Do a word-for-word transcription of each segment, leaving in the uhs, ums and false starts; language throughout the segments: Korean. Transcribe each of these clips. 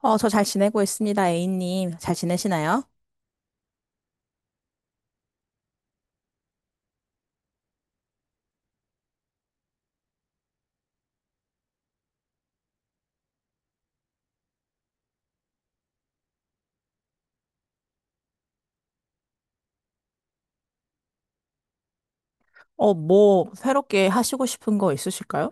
어, 저 잘 지내고 있습니다, A님. 잘 지내시나요? 어, 뭐, 새롭게 하시고 싶은 거 있으실까요?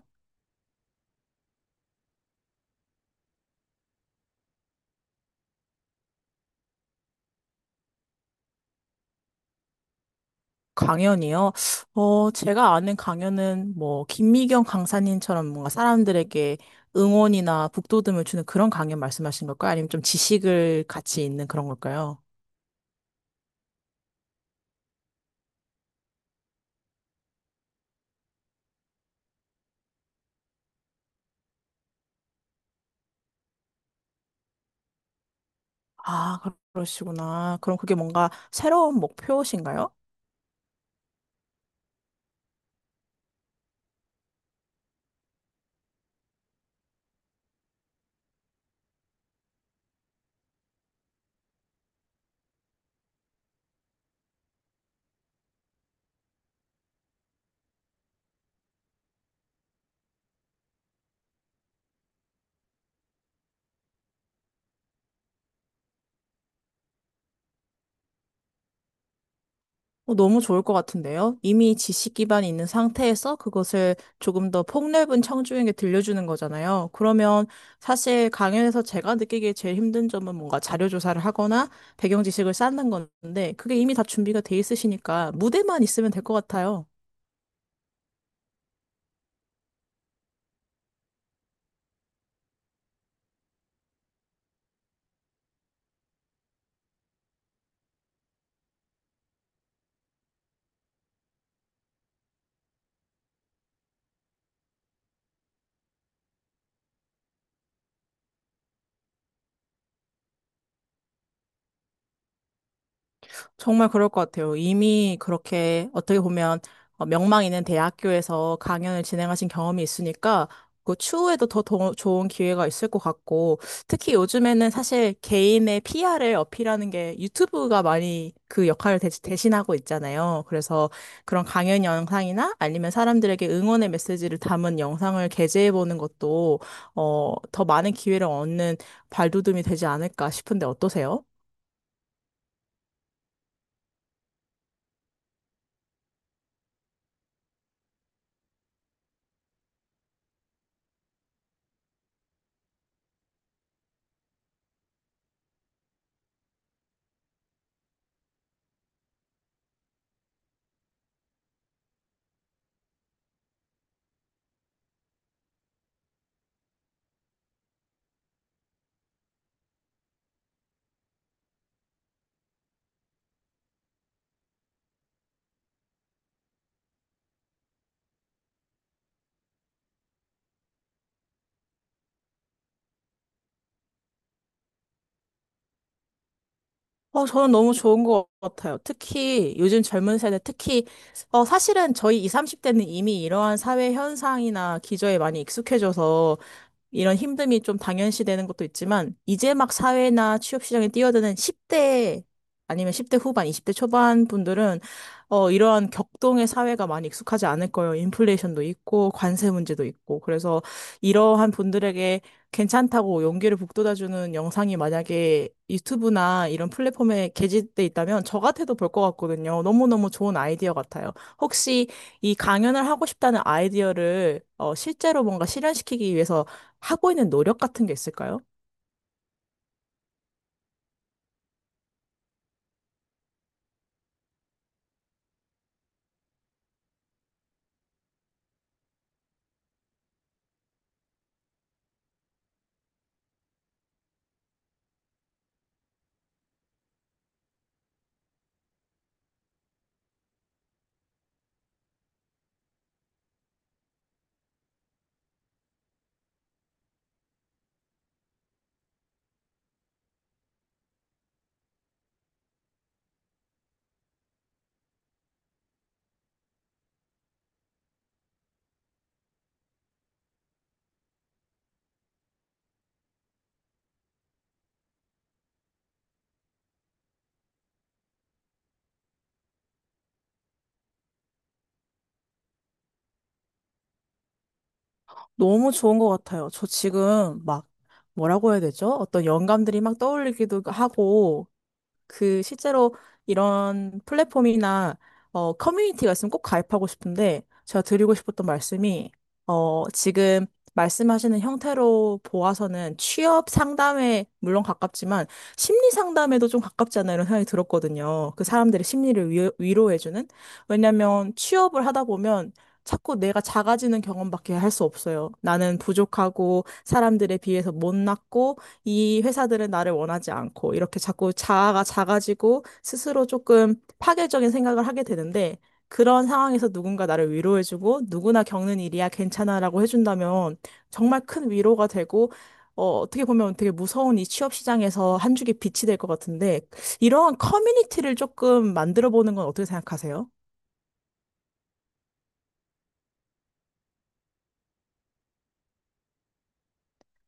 강연이요? 어, 제가 아는 강연은 뭐, 김미경 강사님처럼 뭔가 사람들에게 응원이나 북돋움을 주는 그런 강연 말씀하신 걸까요? 아니면 좀 지식을 같이 있는 그런 걸까요? 아, 그러- 그러시구나. 그럼 그게 뭔가 새로운 목표신가요? 어, 너무 좋을 것 같은데요? 이미 지식 기반이 있는 상태에서 그것을 조금 더 폭넓은 청중에게 들려주는 거잖아요. 그러면 사실 강연에서 제가 느끼기에 제일 힘든 점은 뭔가 자료 조사를 하거나 배경 지식을 쌓는 건데 그게 이미 다 준비가 돼 있으시니까 무대만 있으면 될 것 같아요. 정말 그럴 것 같아요. 이미 그렇게 어떻게 보면 어, 명망 있는 대학교에서 강연을 진행하신 경험이 있으니까 그 추후에도 더, 도- 좋은 기회가 있을 것 같고 특히 요즘에는 사실 개인의 피알을 어필하는 게 유튜브가 많이 그 역할을 대, 대신하고 있잖아요. 그래서 그런 강연 영상이나 아니면 사람들에게 응원의 메시지를 담은 영상을 게재해 보는 것도 어, 더 많은 기회를 얻는 발돋움이 되지 않을까 싶은데 어떠세요? 어, 저는 너무 좋은 것 같아요. 특히 요즘 젊은 세대, 특히, 어, 사실은 저희 이십, 삼십 대는 이미 이러한 사회 현상이나 기저에 많이 익숙해져서 이런 힘듦이 좀 당연시되는 것도 있지만, 이제 막 사회나 취업시장에 뛰어드는 십 대 아니면 십 대 후반, 이십 대 초반 분들은, 어, 이러한 격동의 사회가 많이 익숙하지 않을 거예요. 인플레이션도 있고, 관세 문제도 있고. 그래서 이러한 분들에게 괜찮다고 용기를 북돋아주는 영상이 만약에 유튜브나 이런 플랫폼에 게재돼 있다면 저 같아도 볼 것 같거든요. 너무너무 좋은 아이디어 같아요. 혹시 이 강연을 하고 싶다는 아이디어를 어, 실제로 뭔가 실현시키기 위해서 하고 있는 노력 같은 게 있을까요? 너무 좋은 것 같아요. 저 지금 막 뭐라고 해야 되죠? 어떤 영감들이 막 떠올리기도 하고 그 실제로 이런 플랫폼이나 어, 커뮤니티가 있으면 꼭 가입하고 싶은데 제가 드리고 싶었던 말씀이 어, 지금 말씀하시는 형태로 보아서는 취업 상담에 물론 가깝지만 심리 상담에도 좀 가깝지 않나 이런 생각이 들었거든요. 그 사람들의 심리를 위, 위로해주는. 왜냐면 취업을 하다 보면 자꾸 내가 작아지는 경험밖에 할 수 없어요. 나는 부족하고 사람들에 비해서 못났고 이 회사들은 나를 원하지 않고 이렇게 자꾸 자아가 작아지고 스스로 조금 파괴적인 생각을 하게 되는데 그런 상황에서 누군가 나를 위로해주고 누구나 겪는 일이야 괜찮아라고 해준다면 정말 큰 위로가 되고 어, 어떻게 보면 되게 무서운 이 취업 시장에서 한 줄기 빛이 될 것 같은데 이러한 커뮤니티를 조금 만들어 보는 건 어떻게 생각하세요?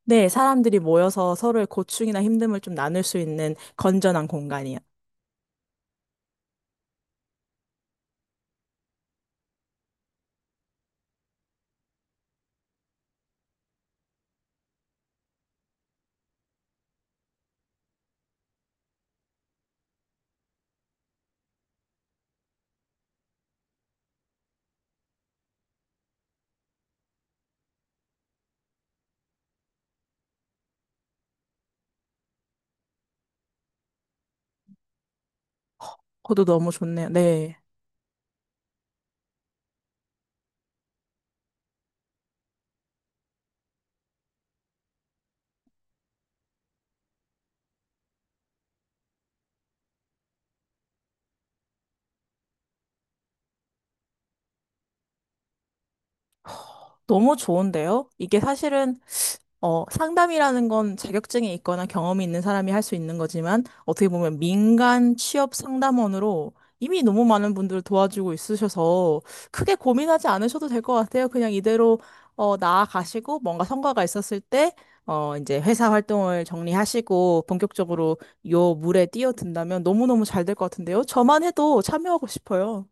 네, 사람들이 모여서 서로의 고충이나 힘듦을 좀 나눌 수 있는 건전한 공간이요. 그것도 너무 좋네요. 네. 너무 좋은데요? 이게 사실은 어, 상담이라는 건 자격증이 있거나 경험이 있는 사람이 할 수 있는 거지만 어떻게 보면 민간 취업 상담원으로 이미 너무 많은 분들을 도와주고 있으셔서 크게 고민하지 않으셔도 될 것 같아요. 그냥 이대로 어, 나아가시고 뭔가 성과가 있었을 때 어, 이제 회사 활동을 정리하시고 본격적으로 요 물에 뛰어든다면 너무너무 잘 될 것 같은데요? 저만 해도 참여하고 싶어요.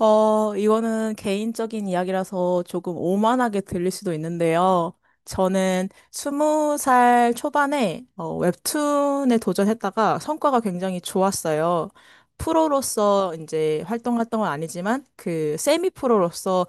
어, 이거는 개인적인 이야기라서 조금 오만하게 들릴 수도 있는데요. 저는 스무 살 초반에 어, 웹툰에 도전했다가 성과가 굉장히 좋았어요. 프로로서 이제 활동했던 건 아니지만 그 세미 프로로서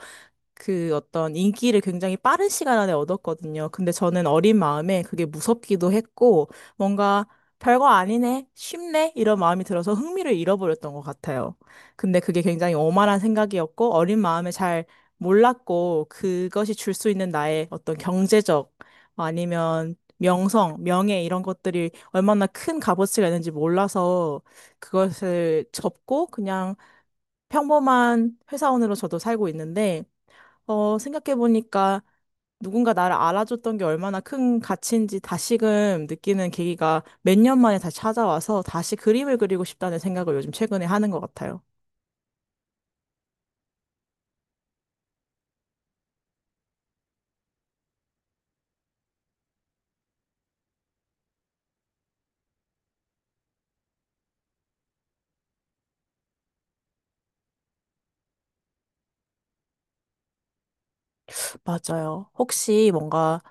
그 어떤 인기를 굉장히 빠른 시간 안에 얻었거든요. 근데 저는 어린 마음에 그게 무섭기도 했고, 뭔가 별거 아니네, 쉽네, 이런 마음이 들어서 흥미를 잃어버렸던 것 같아요. 근데 그게 굉장히 오만한 생각이었고, 어린 마음에 잘 몰랐고, 그것이 줄 수 있는 나의 어떤 경제적 아니면 명성, 명예 이런 것들이 얼마나 큰 값어치가 있는지 몰라서 그것을 접고 그냥 평범한 회사원으로 저도 살고 있는데, 어, 생각해보니까 누군가 나를 알아줬던 게 얼마나 큰 가치인지 다시금 느끼는 계기가 몇 년 만에 다시 찾아와서 다시 그림을 그리고 싶다는 생각을 요즘 최근에 하는 것 같아요. 맞아요. 혹시 뭔가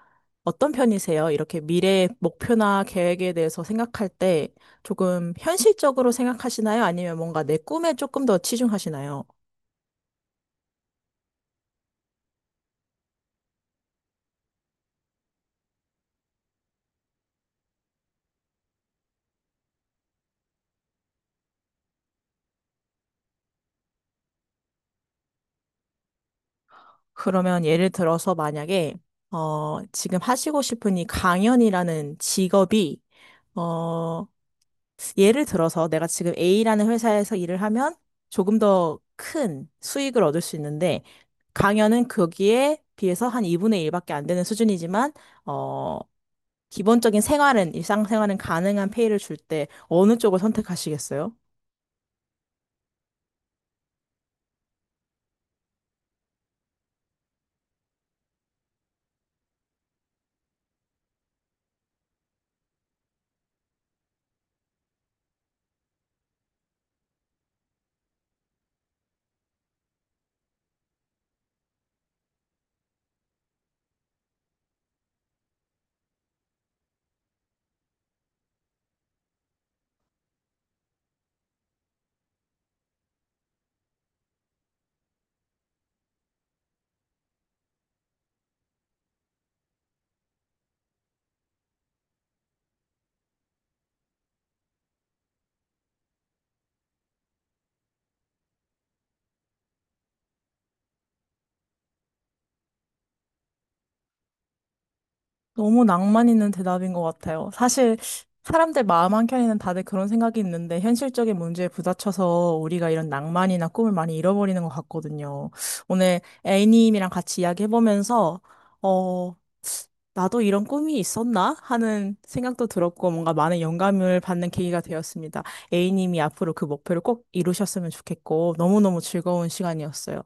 어떤 편이세요? 이렇게 미래의 목표나 계획에 대해서 생각할 때 조금 현실적으로 생각하시나요? 아니면 뭔가 내 꿈에 조금 더 치중하시나요? 그러면 예를 들어서 만약에, 어, 지금 하시고 싶은 이 강연이라는 직업이, 어, 예를 들어서 내가 지금 A라는 회사에서 일을 하면 조금 더 큰 수익을 얻을 수 있는데 강연은 거기에 비해서 한 이분의 일밖에 안 되는 수준이지만 어 기본적인 생활은 일상생활은 가능한 페이를 줄 때 어느 쪽을 선택하시겠어요? 너무 낭만 있는 대답인 것 같아요. 사실 사람들 마음 한켠에는 다들 그런 생각이 있는데 현실적인 문제에 부딪혀서 우리가 이런 낭만이나 꿈을 많이 잃어버리는 것 같거든요. 오늘 A님이랑 같이 이야기해보면서 어, 나도 이런 꿈이 있었나? 하는 생각도 들었고 뭔가 많은 영감을 받는 계기가 되었습니다. A님이 앞으로 그 목표를 꼭 이루셨으면 좋겠고 너무너무 즐거운 시간이었어요.